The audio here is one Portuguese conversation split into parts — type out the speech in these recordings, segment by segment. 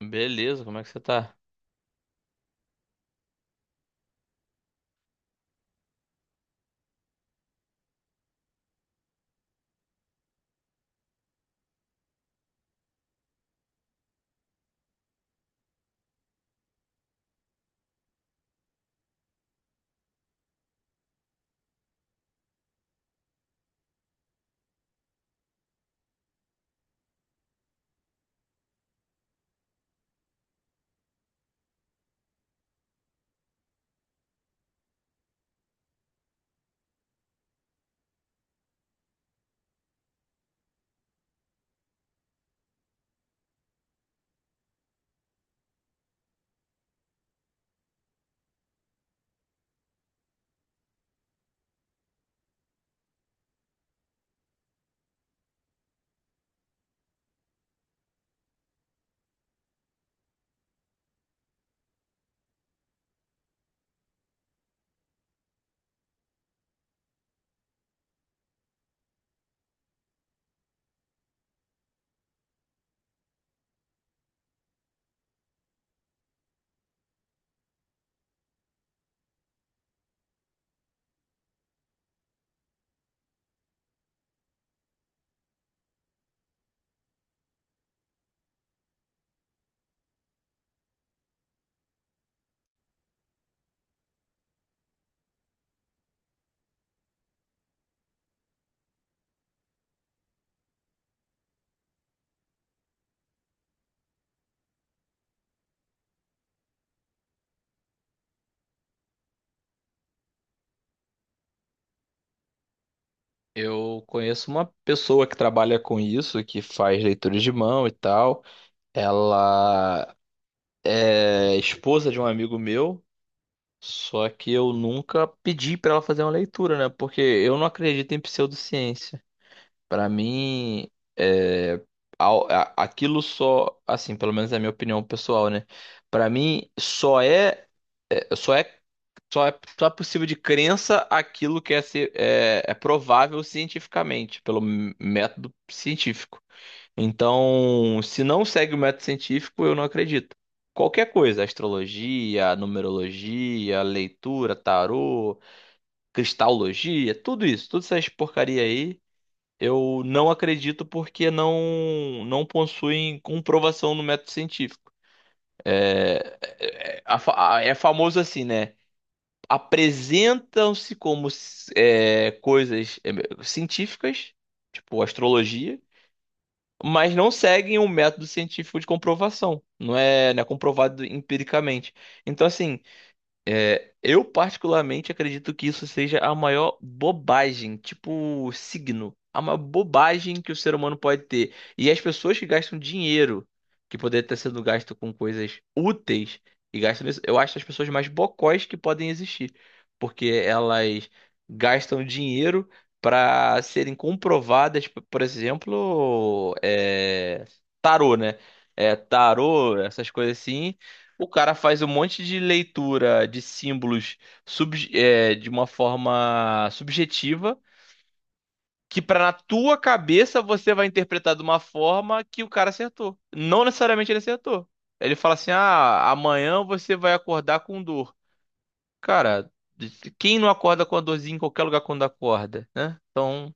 Beleza, como é que você tá? Eu conheço uma pessoa que trabalha com isso, que faz leitura de mão e tal. Ela é esposa de um amigo meu, só que eu nunca pedi pra ela fazer uma leitura, né? Porque eu não acredito em pseudociência. Pra mim, é, aquilo só, assim, pelo menos é a minha opinião pessoal, né? Pra mim, só é É, Só é, só é, só é possível de crença aquilo que é é, provável cientificamente, pelo método científico. Então, se não segue o método científico, eu não acredito. Qualquer coisa, astrologia, numerologia, leitura, tarô, cristalogia, tudo isso, todas essas porcaria aí, eu não acredito porque não possuem comprovação no método científico. É famoso assim, né? Apresentam-se como coisas científicas, tipo astrologia, mas não seguem um método científico de comprovação. Não é comprovado empiricamente. Então, assim, eu particularmente acredito que isso seja a maior bobagem, tipo signo, a maior bobagem que o ser humano pode ter. E as pessoas que gastam dinheiro, que poderia estar sendo gasto com coisas úteis, e gastam isso, eu acho as pessoas mais bocós que podem existir, porque elas gastam dinheiro para serem comprovadas, por exemplo, tarô, né? É, tarô, essas coisas assim. O cara faz um monte de leitura de símbolos de uma forma subjetiva, que pra na tua cabeça você vai interpretar de uma forma que o cara acertou. Não necessariamente ele acertou. Ele fala assim: ah, amanhã você vai acordar com dor. Cara, quem não acorda com a dorzinha em qualquer lugar quando acorda, né? Então,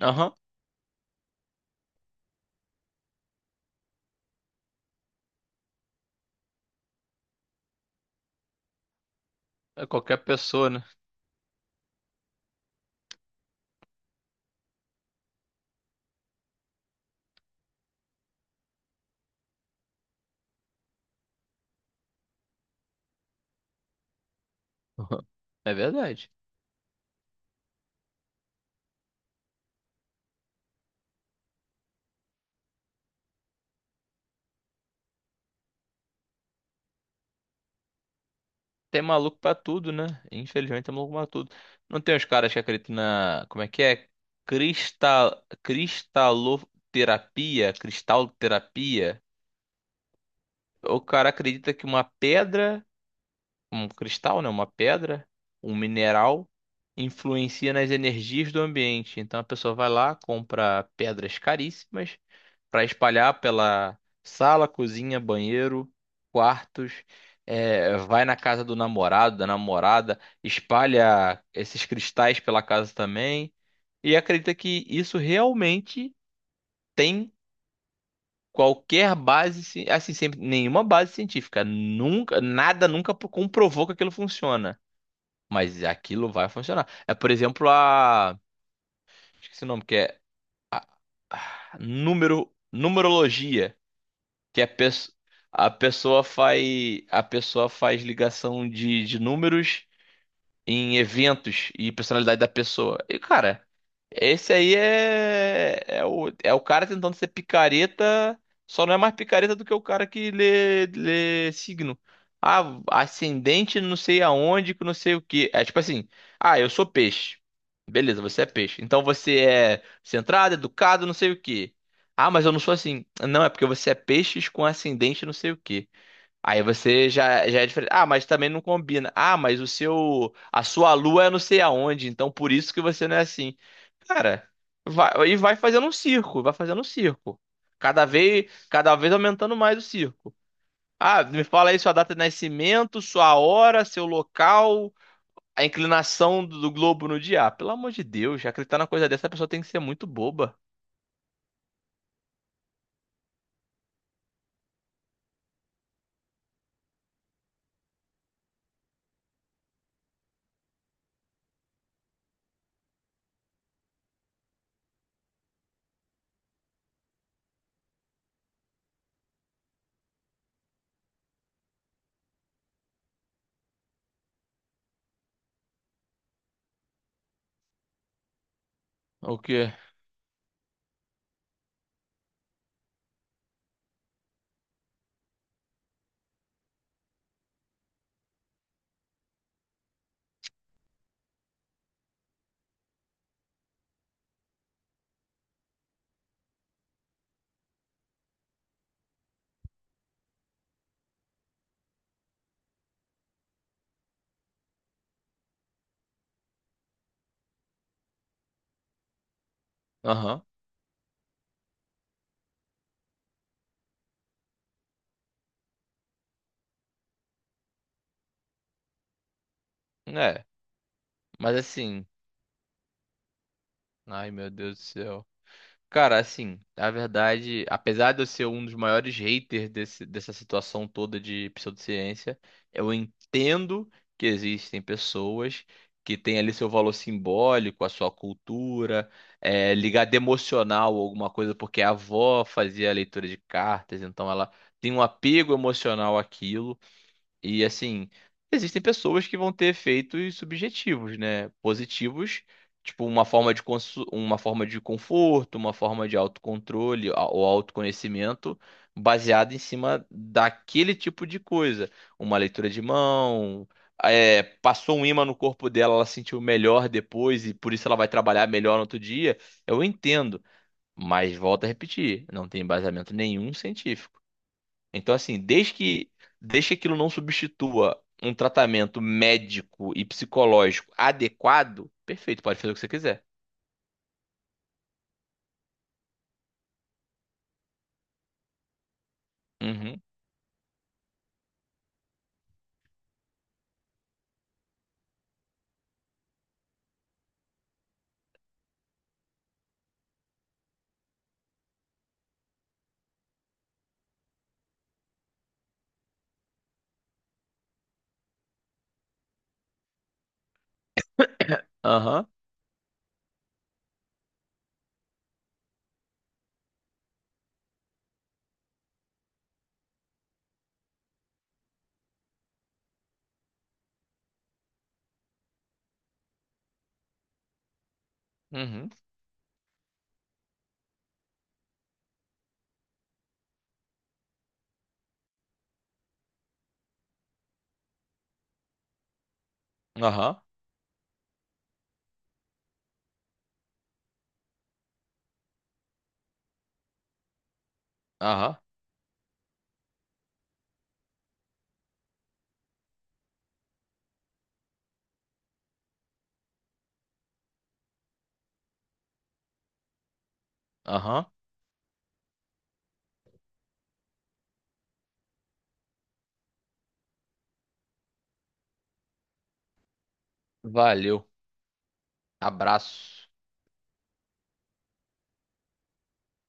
aham, é qualquer pessoa, né? É verdade. Tem maluco pra tudo, né? Infelizmente tem maluco pra tudo. Não tem os caras que acreditam na... Como é que é? Cristal... Cristaloterapia? Cristalterapia? O cara acredita que uma pedra, um cristal, né, uma pedra, um mineral, influencia nas energias do ambiente. Então a pessoa vai lá, compra pedras caríssimas para espalhar pela sala, cozinha, banheiro, quartos. É, vai na casa do namorado, da namorada, espalha esses cristais pela casa também e acredita que isso realmente tem qualquer assim, sempre, nenhuma base científica, nunca, nada nunca comprovou que aquilo funciona. Mas aquilo vai funcionar. É, por exemplo, a... Esqueci o nome, que é numerologia, que é a pessoa faz a pessoa faz ligação de números em eventos e personalidade da pessoa. E, cara, esse aí é, é o cara tentando ser picareta, só não é mais picareta do que o cara que lê signo. Ah, ascendente não sei aonde, que não sei o que É tipo assim, ah, eu sou peixe. Beleza, você é peixe. Então você é centrado, educado, não sei o que Ah, mas eu não sou assim. Não, é porque você é peixes com ascendente não sei o que Aí você já é diferente. Ah, mas também não combina. Ah, mas a sua lua é não sei aonde, então por isso que você não é assim. Cara, vai, e vai fazendo um circo, vai fazendo um circo. Cada vez aumentando mais o circo. Ah, me fala aí sua data de nascimento, sua hora, seu local, a inclinação do globo no dia. Ah, pelo amor de Deus, já acreditar na coisa dessa, a pessoa tem que ser muito boba. O quê? Aham. É, mas assim, ai meu Deus do céu. Cara, assim, a verdade, apesar de eu ser um dos maiores haters dessa situação toda de pseudociência, eu entendo que existem pessoas que têm ali seu valor simbólico, a sua cultura, é, ligada emocional ou alguma coisa, porque a avó fazia leitura de cartas, então ela tem um apego emocional àquilo. E assim, existem pessoas que vão ter efeitos subjetivos, né? Positivos, tipo uma forma de conforto, uma forma de autocontrole ou autoconhecimento baseado em cima daquele tipo de coisa. Uma leitura de mão, é, passou um ímã no corpo dela, ela sentiu melhor depois e por isso ela vai trabalhar melhor no outro dia. Eu entendo, mas volto a repetir, não tem embasamento nenhum científico. Então, assim, desde que aquilo não substitua um tratamento médico e psicológico adequado, perfeito, pode fazer o que você quiser. Uhum. Aham. Uhum. Aham. Aham. Aham. Aham. Valeu. Abraço.